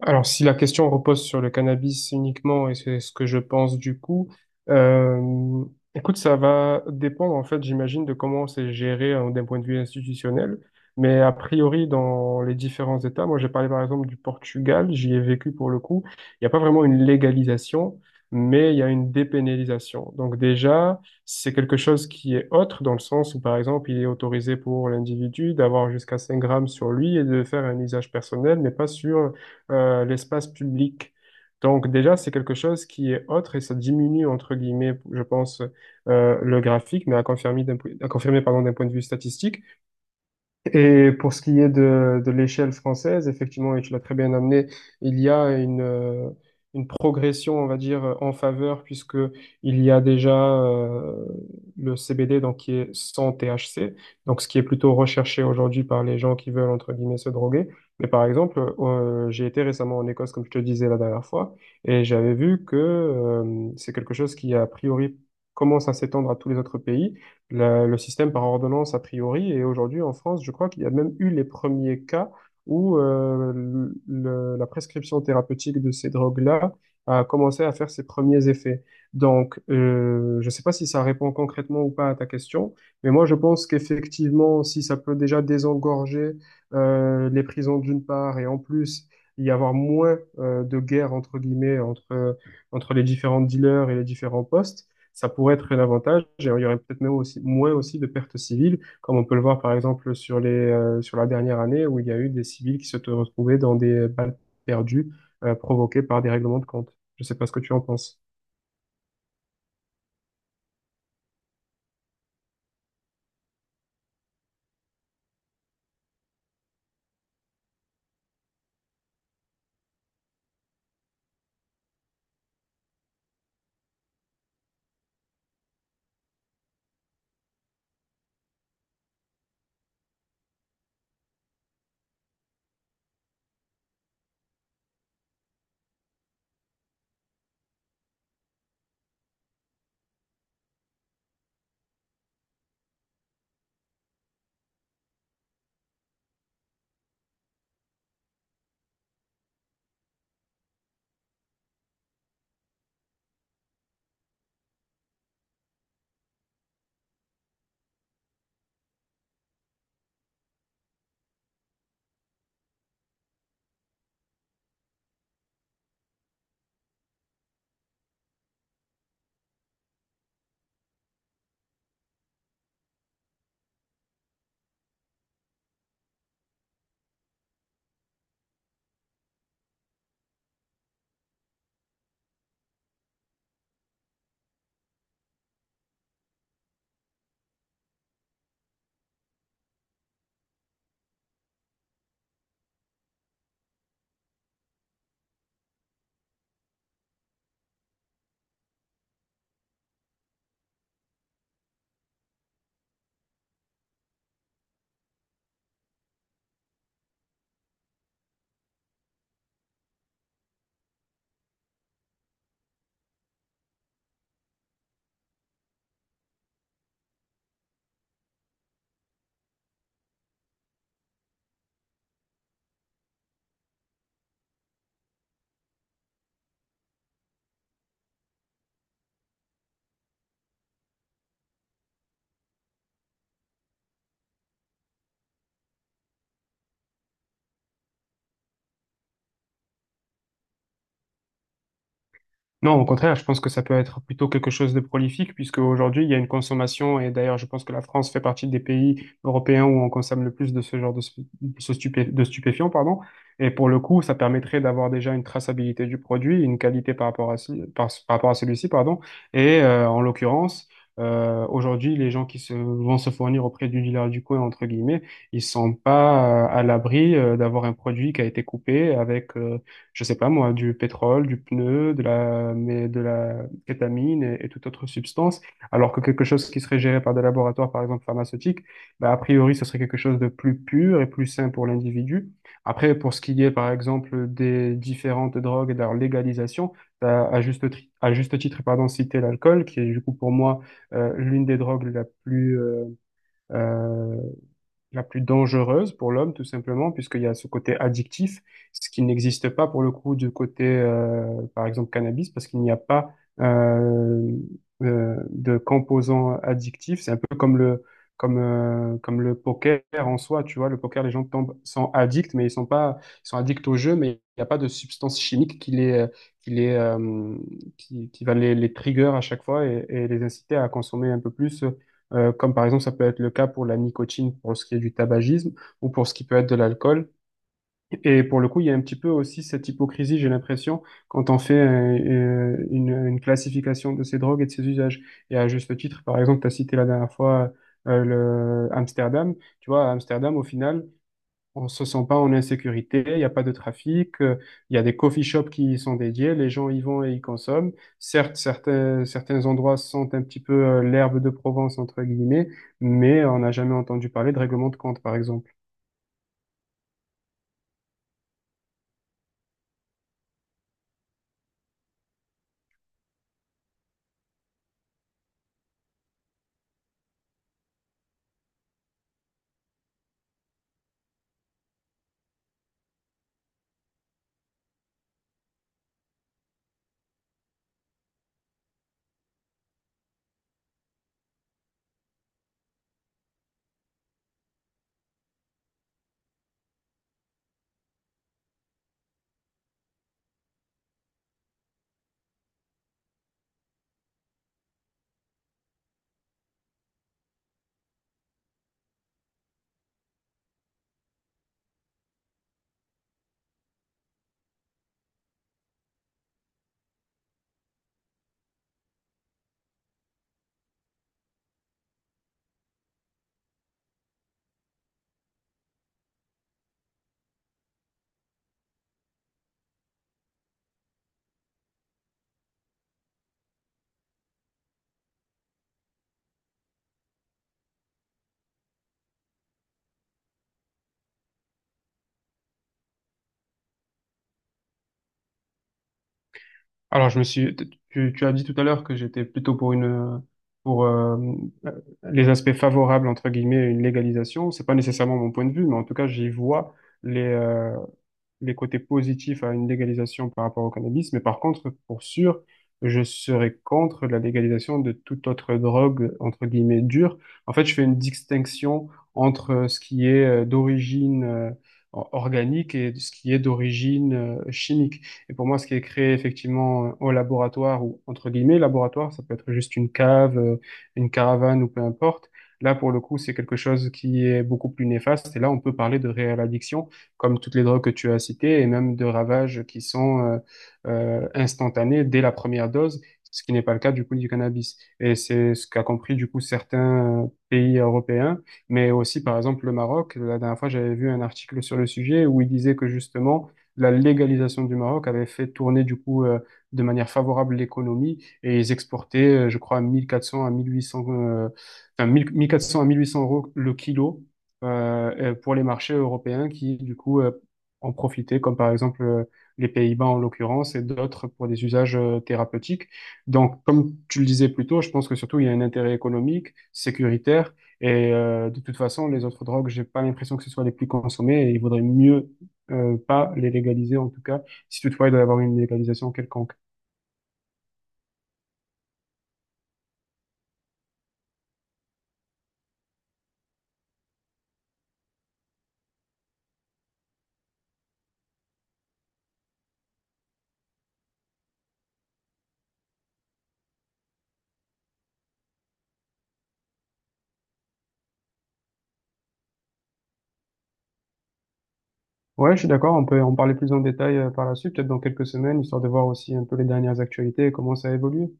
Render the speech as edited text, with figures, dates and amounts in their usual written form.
Alors, si la question repose sur le cannabis uniquement, et c'est ce que je pense du coup, euh, écoute, ça va dépendre en fait, j'imagine, de comment c'est géré d'un point de vue institutionnel. Mais a priori, dans les différents États, moi j'ai parlé par exemple du Portugal, j'y ai vécu pour le coup, il n'y a pas vraiment une légalisation, mais il y a une dépénalisation. Donc déjà, c'est quelque chose qui est autre dans le sens où par exemple, il est autorisé pour l'individu d'avoir jusqu'à 5 grammes sur lui et de faire un usage personnel, mais pas sur l'espace public. Donc déjà, c'est quelque chose qui est autre et ça diminue, entre guillemets, je pense, le graphique, mais à confirmer à confirmer, pardon, d'un point de vue statistique. Et pour ce qui est de l'échelle française, effectivement, et tu l'as très bien amené, il y a une progression, on va dire, en faveur, puisque il y a déjà le CBD, donc qui est sans THC, donc ce qui est plutôt recherché aujourd'hui par les gens qui veulent, entre guillemets, se droguer. Mais par exemple, j'ai été récemment en Écosse, comme je te disais la dernière fois, et j'avais vu que c'est quelque chose qui, a priori, commence à s'étendre à tous les autres pays le système par ordonnance a priori. Et aujourd'hui, en France, je crois qu'il y a même eu les premiers cas où la prescription thérapeutique de ces drogues-là a commencé à faire ses premiers effets. Donc, je ne sais pas si ça répond concrètement ou pas à ta question, mais moi, je pense qu'effectivement, si ça peut déjà désengorger les prisons d'une part, et en plus, y avoir moins de guerre, entre guillemets, entre les différents dealers et les différents postes, ça pourrait être un avantage et il y aurait peut-être même aussi, moins aussi de pertes civiles, comme on peut le voir par exemple sur la dernière année où il y a eu des civils qui se sont retrouvés dans des balles perdues, provoquées par des règlements de compte. Je sais pas ce que tu en penses. Non, au contraire, je pense que ça peut être plutôt quelque chose de prolifique, puisque aujourd'hui, il y a une consommation, et d'ailleurs, je pense que la France fait partie des pays européens où on consomme le plus de ce genre de, stu- de ce stupé- de stupéfiants, pardon. Et pour le coup, ça permettrait d'avoir déjà une traçabilité du produit, une qualité par rapport à celui-ci, pardon. Et en l'occurrence, aujourd'hui, les gens qui vont se fournir auprès du dealer du coin, entre guillemets, ils sont pas à l'abri d'avoir un produit qui a été coupé avec je sais pas moi, du pétrole, du pneu, de la kétamine et toute autre substance, alors que quelque chose qui serait géré par des laboratoires, par exemple pharmaceutiques, bah, a priori, ce serait quelque chose de plus pur et plus sain pour l'individu. Après, pour ce qui est, par exemple, des différentes drogues et de leur légalisation, t'as à juste titre, pardon, cité l'alcool, qui est du coup pour moi l'une des drogues euh, la plus dangereuse pour l'homme, tout simplement, puisqu'il y a ce côté addictif, ce qui n'existe pas pour le coup du côté, par exemple, cannabis, parce qu'il n'y a pas euh, de composants addictifs. C'est un peu comme le poker en soi, tu vois. Le poker, les gens tombent, sont addicts, mais ils sont pas, ils sont addicts au jeu, mais il n'y a pas de substance chimique qui les, euh, qui va les trigger à chaque fois et les inciter à consommer un peu plus. Comme par exemple ça peut être le cas pour la nicotine, pour ce qui est du tabagisme ou pour ce qui peut être de l'alcool. Et pour le coup, il y a un petit peu aussi cette hypocrisie, j'ai l'impression, quand on fait une classification de ces drogues et de ces usages. Et à juste titre, par exemple, tu as cité la dernière fois le Amsterdam. Tu vois, à Amsterdam, au final, on se sent pas en insécurité, il n'y a pas de trafic, il y a des coffee shops qui y sont dédiés, les gens y vont et y consomment. Certes, certains endroits sentent un petit peu l'herbe de Provence, entre guillemets, mais on n'a jamais entendu parler de règlement de compte, par exemple. Alors, tu as dit tout à l'heure que j'étais plutôt pour euh, les aspects favorables, entre guillemets, à une légalisation. C'est pas nécessairement mon point de vue, mais en tout cas, j'y vois les, euh, les côtés positifs à une légalisation par rapport au cannabis, mais par contre, pour sûr, je serais contre la légalisation de toute autre drogue, entre guillemets, dure. En fait, je fais une distinction entre ce qui est d'origine organique et ce qui est d'origine chimique. Et pour moi, ce qui est créé effectivement au laboratoire, ou entre guillemets laboratoire, ça peut être juste une cave, une caravane ou peu importe. Là, pour le coup, c'est quelque chose qui est beaucoup plus néfaste. Et là, on peut parler de réelle addiction comme toutes les drogues que tu as citées, et même de ravages qui sont instantanés dès la première dose, ce qui n'est pas le cas du coup du cannabis. Et c'est ce qu'a compris du coup certains pays européens, mais aussi par exemple le Maroc. La dernière fois, j'avais vu un article sur le sujet où il disait que justement la légalisation du Maroc avait fait tourner du coup de manière favorable l'économie et ils exportaient, je crois, 1400 à 1800, enfin 1000 1400 à 1800 € le kilo pour les marchés européens qui, du coup, en profitaient, comme par exemple les Pays-Bas en l'occurrence, et d'autres pour des usages thérapeutiques. Donc, comme tu le disais plus tôt, je pense que surtout il y a un intérêt économique, sécuritaire, et de toute façon, les autres drogues, j'ai pas l'impression que ce soit les plus consommées, et il vaudrait mieux pas les légaliser, en tout cas, si toutefois il doit y avoir une légalisation quelconque. Ouais, je suis d'accord, on peut en parler plus en détail par la suite, peut-être dans quelques semaines, histoire de voir aussi un peu les dernières actualités et comment ça évolue.